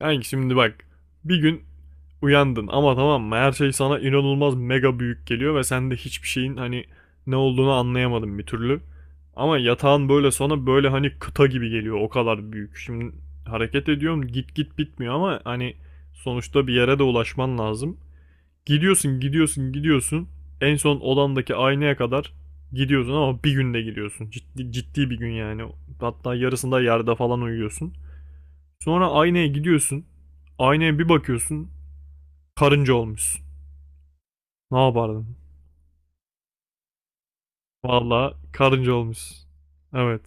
Yani şimdi bak bir gün uyandın, ama tamam mı, her şey sana inanılmaz mega büyük geliyor ve sen de hiçbir şeyin hani ne olduğunu anlayamadın bir türlü. Ama yatağın böyle sana böyle hani kıta gibi geliyor, o kadar büyük. Şimdi hareket ediyorum, git git bitmiyor ama hani sonuçta bir yere de ulaşman lazım. Gidiyorsun gidiyorsun gidiyorsun, en son odandaki aynaya kadar gidiyorsun ama bir günde gidiyorsun. Ciddi, ciddi bir gün yani, hatta yarısında yerde falan uyuyorsun. Sonra aynaya gidiyorsun. Aynaya bir bakıyorsun. Karınca olmuşsun. Ne yapardın? Vallahi karınca olmuşsun. Evet.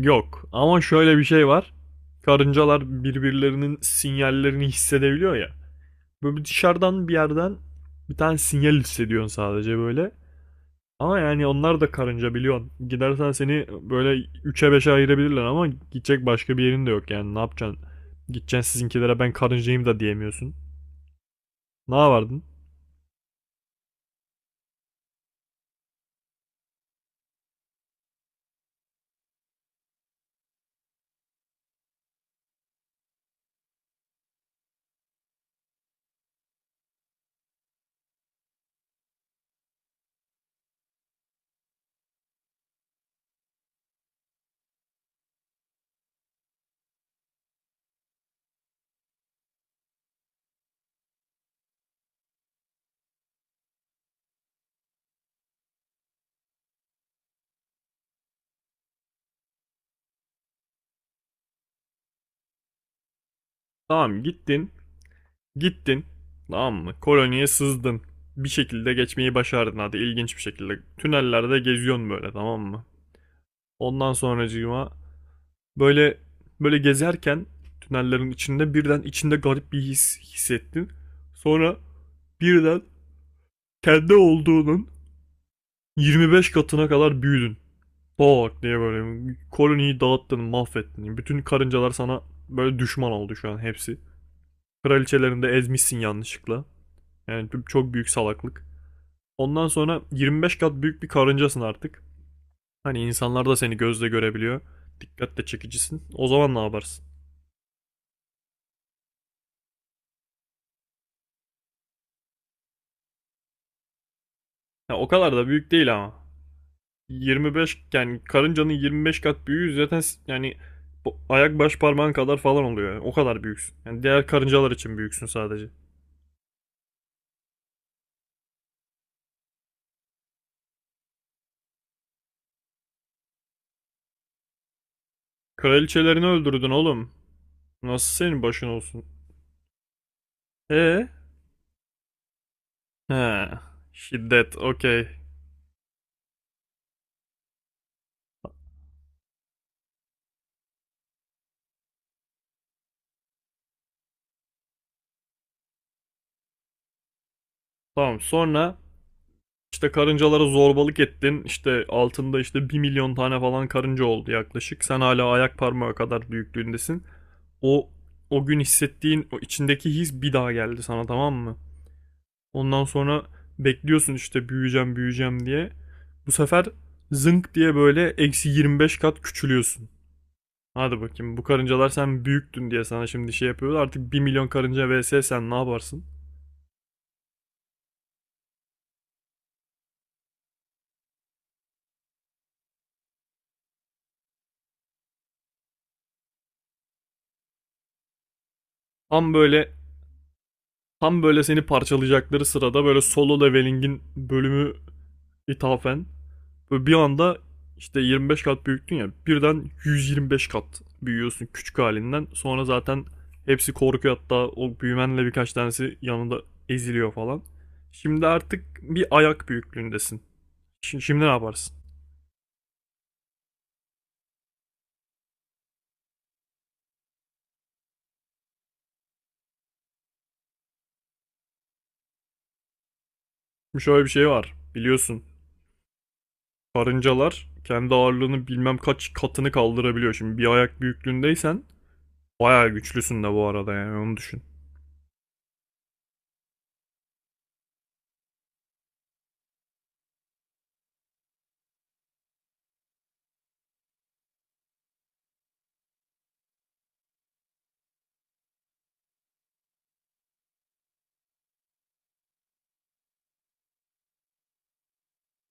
Yok ama şöyle bir şey var. Karıncalar birbirlerinin sinyallerini hissedebiliyor ya. Böyle bir dışarıdan bir yerden bir tane sinyal hissediyorsun sadece böyle. Ama yani onlar da karınca biliyorsun. Gidersen seni böyle üçe beşe ayırabilirler ama gidecek başka bir yerin de yok, yani ne yapacaksın? Gideceksin sizinkilere ben karıncayım da diyemiyorsun. Ne yapardın? Tamam, gittin. Gittin. Tamam mı? Koloniye sızdın. Bir şekilde geçmeyi başardın hadi, ilginç bir şekilde. Tünellerde geziyorsun böyle, tamam mı? Ondan sonracığıma böyle böyle gezerken tünellerin içinde birden içinde garip bir his hissettin. Sonra birden kendi olduğunun 25 katına kadar büyüdün. Bak diye böyle koloniyi dağıttın, mahvettin. Bütün karıncalar sana böyle düşman oldu şu an, hepsi. Kraliçelerini de ezmişsin yanlışlıkla. Yani çok büyük salaklık. Ondan sonra 25 kat büyük bir karıncasın artık. Hani insanlar da seni gözle görebiliyor. Dikkatle çekicisin. O zaman ne yaparsın? Ya o kadar da büyük değil ama. 25, yani karıncanın 25 kat büyüğü zaten yani ayak baş parmağın kadar falan oluyor yani. O kadar büyüksün. Yani diğer karıncalar için büyüksün sadece. Kraliçelerini öldürdün oğlum. Nasıl senin başın olsun? E? He. Şiddet. Okey. Tamam. Sonra İşte karıncalara zorbalık ettin. İşte altında işte bir milyon tane falan karınca oldu yaklaşık. Sen hala ayak parmağı kadar büyüklüğündesin. O o gün hissettiğin o içindeki his bir daha geldi sana, tamam mı? Ondan sonra bekliyorsun işte büyüyeceğim büyüyeceğim diye. Bu sefer zınk diye böyle eksi 25 kat küçülüyorsun. Hadi bakayım, bu karıncalar sen büyüktün diye sana şimdi şey yapıyorlar. Artık bir milyon karınca vs, sen ne yaparsın? Tam böyle Tam böyle seni parçalayacakları sırada böyle Solo Leveling'in bölümü ithafen böyle bir anda işte 25 kat büyüktün ya, birden 125 kat büyüyorsun küçük halinden. Sonra zaten hepsi korkuyor, hatta o büyümenle birkaç tanesi yanında eziliyor falan. Şimdi artık bir ayak büyüklüğündesin. Şimdi ne yaparsın? Şimdi şöyle bir şey var biliyorsun. Karıncalar kendi ağırlığının bilmem kaç katını kaldırabiliyor. Şimdi bir ayak büyüklüğündeysen bayağı güçlüsün de bu arada, yani onu düşün.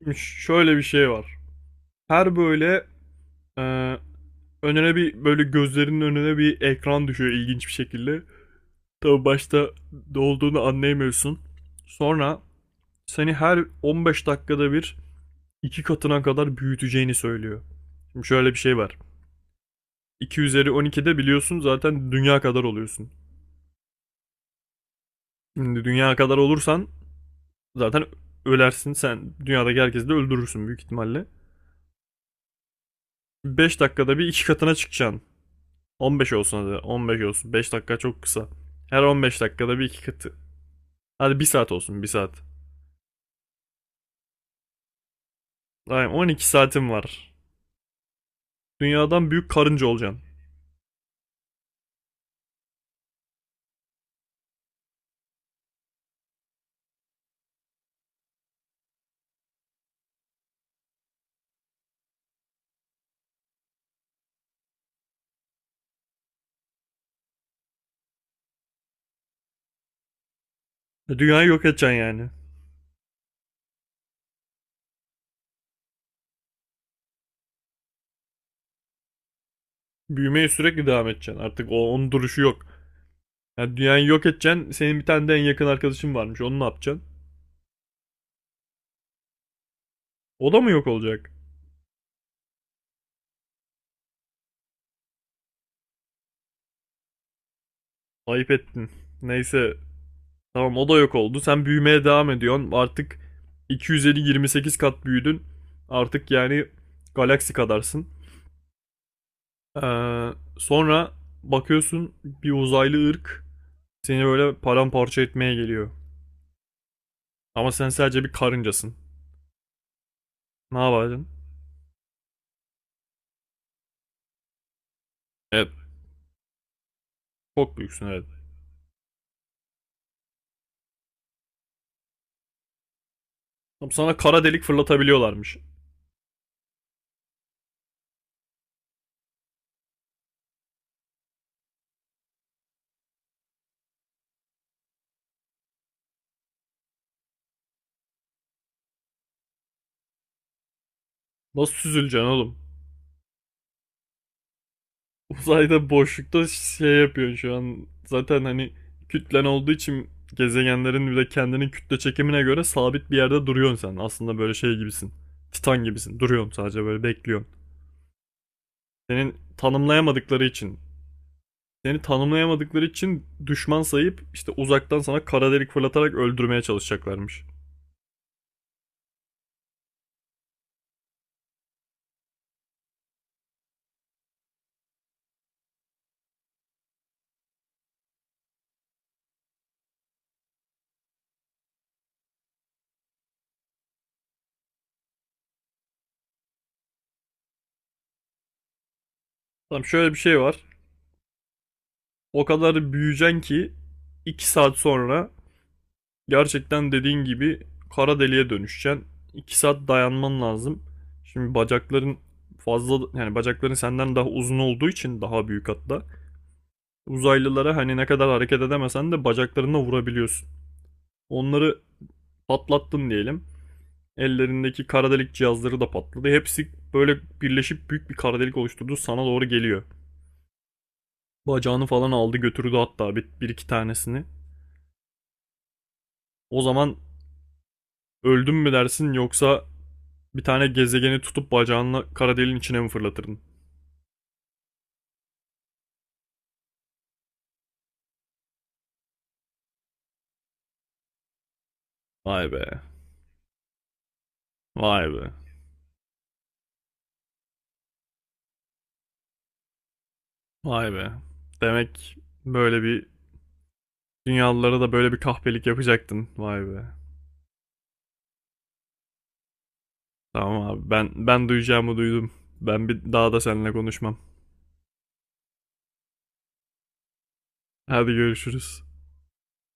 Şimdi şöyle bir şey var. Her böyle ee, önüne bir böyle gözlerinin önüne bir ekran düşüyor ilginç bir şekilde. Tabi başta ne olduğunu anlayamıyorsun. Sonra seni her 15 dakikada bir iki katına kadar büyüteceğini söylüyor. Şimdi şöyle bir şey var. 2 üzeri 12'de biliyorsun zaten dünya kadar oluyorsun. Şimdi dünya kadar olursan zaten ölersin sen. Dünyadaki herkesi de öldürürsün büyük ihtimalle. 5 dakikada bir iki katına çıkacaksın. 15 olsun hadi. 15 olsun. 5 dakika çok kısa. Her 15 dakikada bir iki katı. Hadi bir saat olsun, bir saat. Aynen, 12 saatim var. Dünyadan büyük karınca olacaksın. E, dünyayı yok edeceksin yani. Büyümeye sürekli devam edeceksin. Artık onun duruşu yok. Yani dünyayı yok edeceksin. Senin bir tane de en yakın arkadaşın varmış. Onu ne yapacaksın? O da mı yok olacak? Ayıp ettin. Neyse. Tamam, o da yok oldu. Sen büyümeye devam ediyorsun. Artık 250-28 kat büyüdün. Artık yani galaksi kadarsın. Ee, sonra bakıyorsun bir uzaylı ırk seni böyle paramparça etmeye geliyor. Ama sen sadece bir karıncasın. Ne yapacaksın? Evet. Çok büyüksün, evet. Tam sana kara delik fırlatabiliyorlarmış. Nasıl süzüleceksin oğlum? Uzayda boşlukta şey yapıyorsun şu an. Zaten hani kütlen olduğu için gezegenlerin bir de kendinin kütle çekimine göre sabit bir yerde duruyorsun sen. Aslında böyle şey gibisin. Titan gibisin. Duruyorsun sadece, böyle bekliyorsun. Senin tanımlayamadıkları için seni tanımlayamadıkları için düşman sayıp işte uzaktan sana kara delik fırlatarak öldürmeye çalışacaklarmış. Tamam, şöyle bir şey var. O kadar büyüyeceksin ki 2 saat sonra gerçekten dediğin gibi kara deliğe dönüşeceksin. 2 saat dayanman lazım. Şimdi bacakların fazla, yani bacakların senden daha uzun olduğu için daha büyük hatta. Uzaylılara hani ne kadar hareket edemesen de bacaklarına vurabiliyorsun. Onları patlattın diyelim. Ellerindeki kara delik cihazları da patladı. Hepsi böyle birleşip büyük bir kara delik oluşturdu. Sana doğru geliyor. Bacağını falan aldı götürdü, hatta bir iki tanesini. O zaman öldüm mü dersin, yoksa bir tane gezegeni tutup bacağınla kara deliğin içine mi fırlatırdın? Vay be. Vay be. Vay be. Demek böyle bir dünyalılara da böyle bir kahpelik yapacaktın. Vay be. Tamam abi, ben duyacağımı duydum. Ben bir daha da seninle konuşmam. Hadi görüşürüz.